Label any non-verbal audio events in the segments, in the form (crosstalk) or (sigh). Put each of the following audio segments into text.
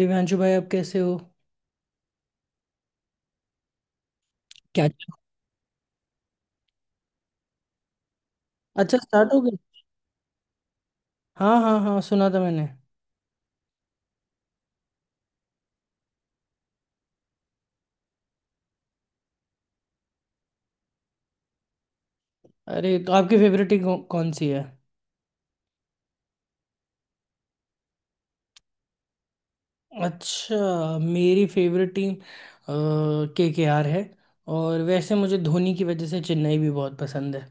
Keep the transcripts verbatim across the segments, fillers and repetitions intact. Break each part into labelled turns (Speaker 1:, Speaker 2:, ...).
Speaker 1: दिव्यांशु भाई आप कैसे हो? क्या? अच्छा, स्टार्ट हो गई। हाँ हाँ हाँ, सुना था मैंने। अरे तो आपकी फेवरेट टीम कौ, कौन सी है? अच्छा, मेरी फेवरेट टीम के के आर है। और वैसे मुझे धोनी की वजह से चेन्नई भी बहुत पसंद है।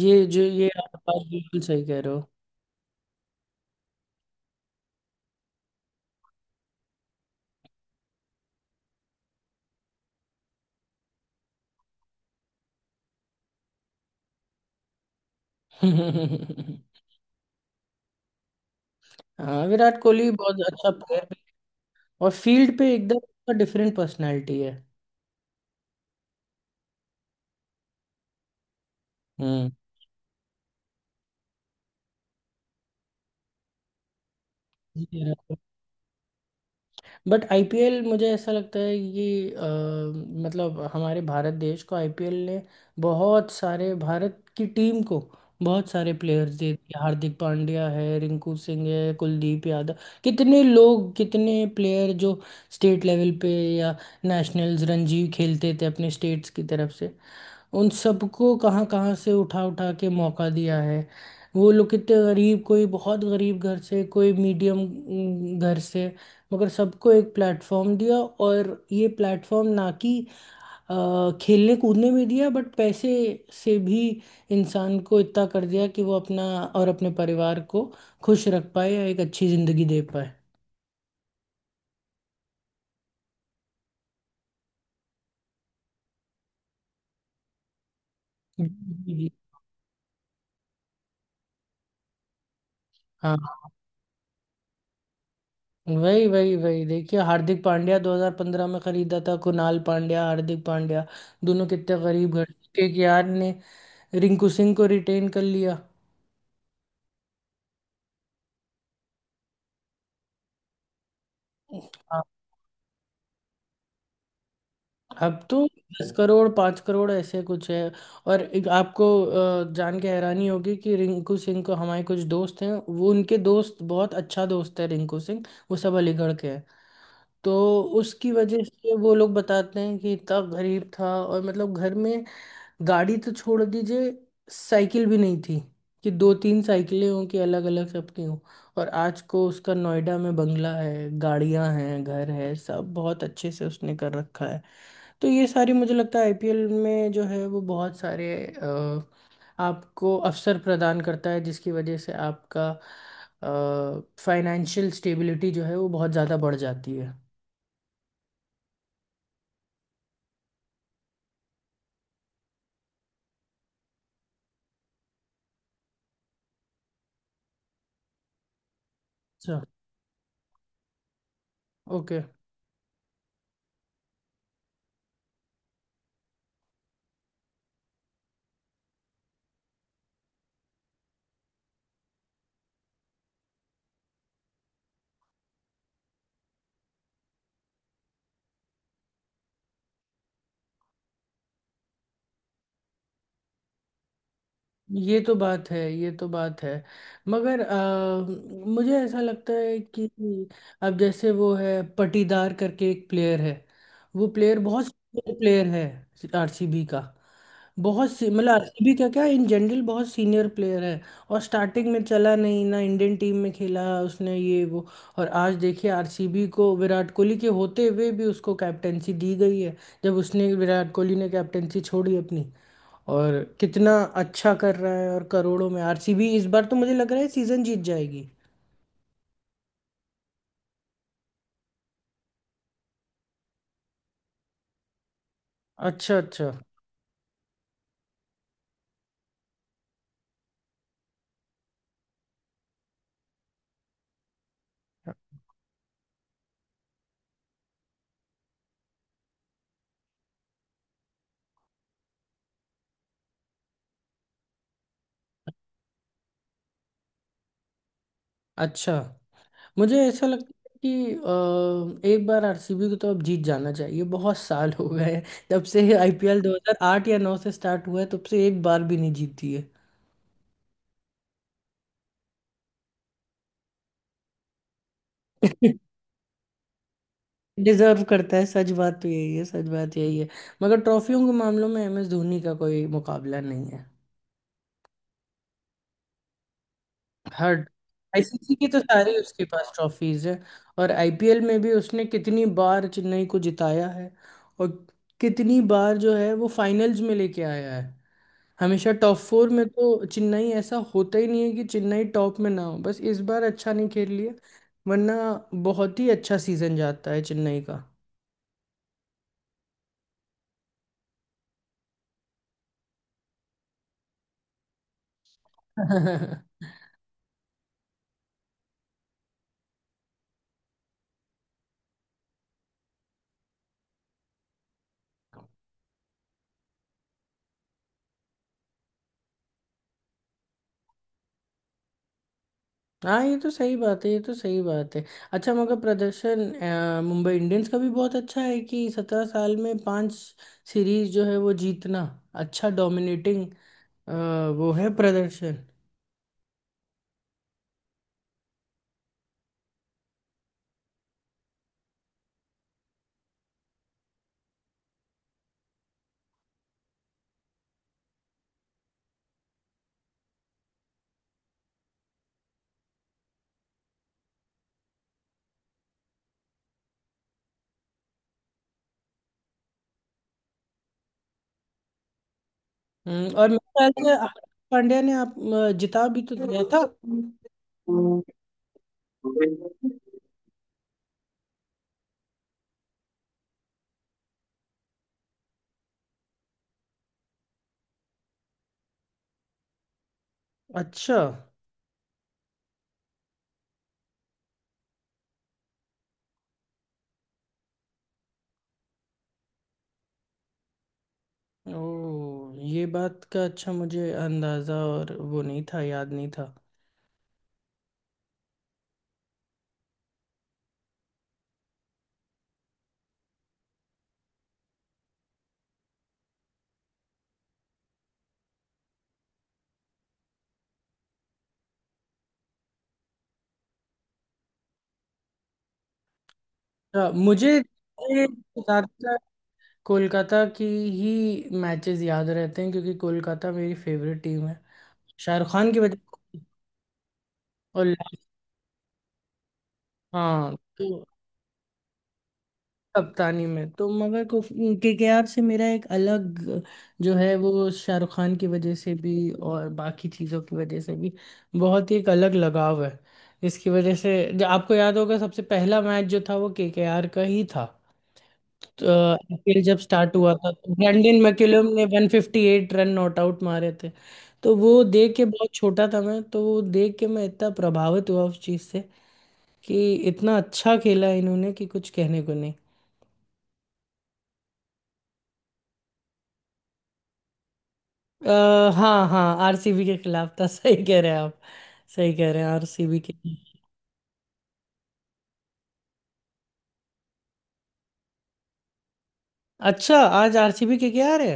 Speaker 1: ये जो ये आप बात बिल्कुल सही कह रहे हो। (laughs) हाँ, विराट कोहली बहुत अच्छा प्लेयर है। और फील्ड पे एकदम डिफरेंट पर्सनैलिटी है। हम्म। बट आईपीएल मुझे ऐसा लगता है कि अ, मतलब हमारे भारत देश को आईपीएल ने बहुत सारे, भारत की टीम को बहुत सारे प्लेयर्स दे दिए। हार्दिक पांड्या है, रिंकू सिंह है, कुलदीप यादव। कितने लोग, कितने प्लेयर जो स्टेट लेवल पे या नेशनल्स रणजी खेलते थे अपने स्टेट्स की तरफ से, उन सबको कहाँ कहाँ से उठा उठा के मौका दिया है। वो लोग कितने गरीब, कोई बहुत गरीब घर से, कोई मीडियम घर से, मगर सबको एक प्लेटफॉर्म दिया। और ये प्लेटफॉर्म ना कि अ, खेलने कूदने में दिया, बट पैसे से भी इंसान को इतना कर दिया कि वो अपना और अपने परिवार को खुश रख पाए या एक अच्छी जिंदगी दे पाए। जी, जी, जी। हाँ वही वही वही, देखिए हार्दिक पांड्या दो हज़ार पंद्रह में खरीदा था। कुणाल पांड्या, हार्दिक पांड्या दोनों कितने गरीब घर के। यार ने रिंकू सिंह को रिटेन कर लिया। हाँ। अब तो दस करोड़, पाँच करोड़, ऐसे कुछ है। और एक आपको अ, जान के हैरानी होगी कि रिंकू सिंह को, हमारे कुछ दोस्त हैं वो उनके दोस्त, बहुत अच्छा दोस्त है रिंकू सिंह। वो सब अलीगढ़ के हैं, तो उसकी वजह से वो लोग बताते हैं कि इतना गरीब था और मतलब घर में गाड़ी तो छोड़ दीजिए, साइकिल भी नहीं थी कि दो तीन साइकिलें हों कि अलग अलग सबकी हों। और आज को उसका नोएडा में बंगला है, गाड़ियां हैं, घर है, सब बहुत अच्छे से उसने कर रखा है। तो ये सारी मुझे लगता है आईपीएल में जो है वो बहुत सारे अ, आपको अवसर प्रदान करता है, जिसकी वजह से आपका फाइनेंशियल स्टेबिलिटी जो है वो बहुत ज़्यादा बढ़ जाती है। अच्छा। ओके। ये तो बात है, ये तो बात है। मगर अ, मुझे ऐसा लगता है कि अब जैसे वो है पटीदार करके एक प्लेयर है। वो प्लेयर बहुत सीनियर प्लेयर है आरसीबी का। बहुत सी मतलब आरसीबी का क्या, इन जनरल बहुत सीनियर प्लेयर है। और स्टार्टिंग में चला नहीं ना, इंडियन टीम में खेला उसने ये वो। और आज देखिए आरसीबी को विराट कोहली के होते हुए भी उसको कैप्टेंसी दी गई है, जब उसने विराट कोहली ने कैप्टेंसी छोड़ी अपनी। और कितना अच्छा कर रहा है, और करोड़ों में आरसीबी इस बार तो मुझे लग रहा है सीजन जीत जाएगी। अच्छा, अच्छा, अच्छा, मुझे ऐसा लगता है कि अ, एक बार आरसीबी को तो अब जीत जाना चाहिए, बहुत साल हो गए हैं। जब से आईपीएल दो हज़ार आठ या नौ से स्टार्ट हुआ है, तब से एक बार भी नहीं जीती है। (laughs) डिजर्व करता है, सच बात तो यही है, सच बात यही है। मगर ट्रॉफियों के मामलों में एम एस धोनी का कोई मुकाबला नहीं है। हर आईसीसी की तो सारी उसके पास ट्रॉफीज है। और आईपीएल में भी उसने कितनी बार चेन्नई को जिताया है, और कितनी बार जो है वो फाइनल्स में लेके आया है। हमेशा टॉप फोर में तो चेन्नई, ऐसा होता ही नहीं है कि चेन्नई टॉप में ना हो, बस इस बार अच्छा नहीं खेल लिया, वरना बहुत ही अच्छा सीजन जाता है चेन्नई का। (laughs) हाँ, ये तो सही बात है, ये तो सही बात है। अच्छा, मगर प्रदर्शन अ, मुंबई इंडियंस का भी बहुत अच्छा है कि सत्रह साल में पांच सीरीज जो है वो जीतना, अच्छा डोमिनेटिंग वो है प्रदर्शन। हम्म। और मेरे ख्याल से हार्दिक पांड्या ने आप अ, जिता भी तो दिया था। अच्छा। ओ, ये बात का अच्छा मुझे अंदाजा और वो नहीं था, याद नहीं था। अ, मुझे ज्यादातर कोलकाता की ही मैचेस याद रहते हैं, क्योंकि कोलकाता मेरी फेवरेट टीम है। शाहरुख खान की वजह से। और लास्ट हाँ तो कप्तानी में तो मगर केकेआर से मेरा एक अलग जो है वो शाहरुख खान की वजह से भी और बाकी चीज़ों की वजह से भी, बहुत ही एक अलग लगाव है। इसकी वजह से, जो आपको याद होगा सबसे पहला मैच जो था वो केकेआर का ही था। आईपीएल जब स्टार्ट हुआ था, तो ब्रैंडन मैकुलम ने one fifty eight run not out मारे थे। तो वो देख के बहुत छोटा था मैं, तो वो देख के मैं इतना प्रभावित हुआ उस चीज़ से कि इतना अच्छा खेला इन्होंने कि कुछ कहने को नहीं। आ, हाँ हाँ, आरसीबी के खिलाफ था (laughs) सही कह रहे हैं आप, सही कह रहे हैं आरसीबी के। अच्छा, आज आरसीबी के क्या है?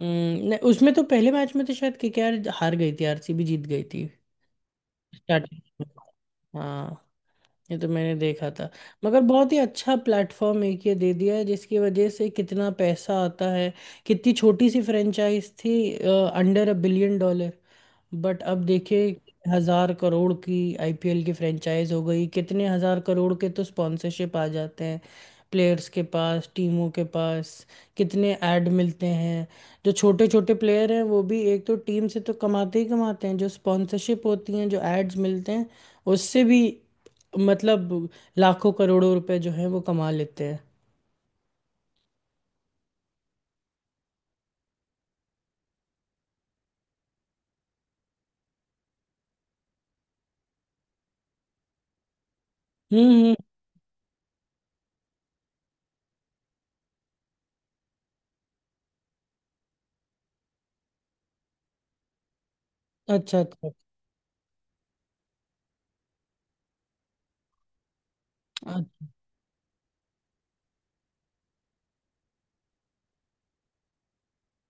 Speaker 1: हम्म, नहीं, उसमें तो पहले मैच में तो शायद केकेआर हार गई थी, आरसीबी जीत गई थी। स्टार्टिंग में। हाँ, ये तो मैंने देखा था। मगर बहुत ही अच्छा प्लेटफॉर्म एक ये दे दिया है, जिसकी वजह से कितना पैसा आता है, कितनी छोटी सी फ्रेंचाइज थी, under a billion dollar, but अब देखिए हजार करोड़ की आईपीएल की फ्रेंचाइज हो गई, कितने हजार करोड़ के तो स्पॉन्सरशिप आ जाते हैं। प्लेयर्स के पास, टीमों के पास कितने ऐड मिलते हैं, जो छोटे छोटे प्लेयर हैं वो भी एक तो टीम से तो कमाते ही कमाते हैं, जो स्पॉन्सरशिप होती हैं जो एड्स मिलते हैं उससे भी मतलब लाखों करोड़ों रुपए जो है वो कमा लेते हैं। हम्म, हम्म। अच्छा, अच्छा, अच्छा।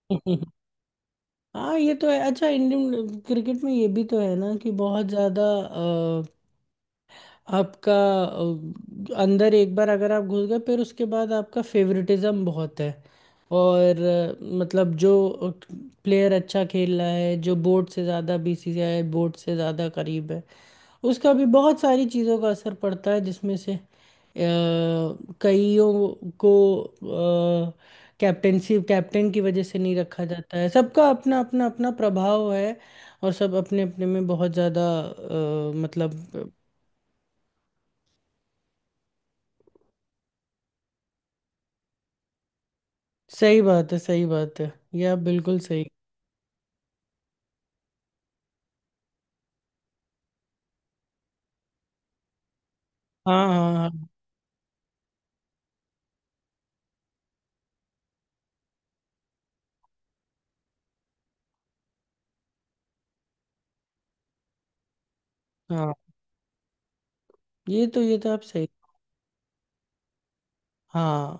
Speaker 1: (laughs) हाँ, ये तो है, अच्छा इंडियन क्रिकेट में ये भी तो है ना कि बहुत ज्यादा आपका अ, अंदर एक बार अगर आप घुस गए फिर उसके बाद आपका फेवरेटिज्म बहुत है। और अ, मतलब जो प्लेयर अच्छा खेल रहा है जो बोर्ड से ज़्यादा बीसीसीआई बोर्ड से ज़्यादा करीब है, उसका भी बहुत सारी चीज़ों का असर पड़ता है, जिसमें से अ, कईयों को कैप्टेंसी कैप्टन की वजह से नहीं रखा जाता है, सबका अपना अपना अपना प्रभाव है। और सब अपने अपने में बहुत ज़्यादा अ, मतलब। सही बात है, सही बात है, ये आप बिल्कुल सही। हाँ हाँ हाँ हाँ, ये तो ये तो आप सही। हाँ।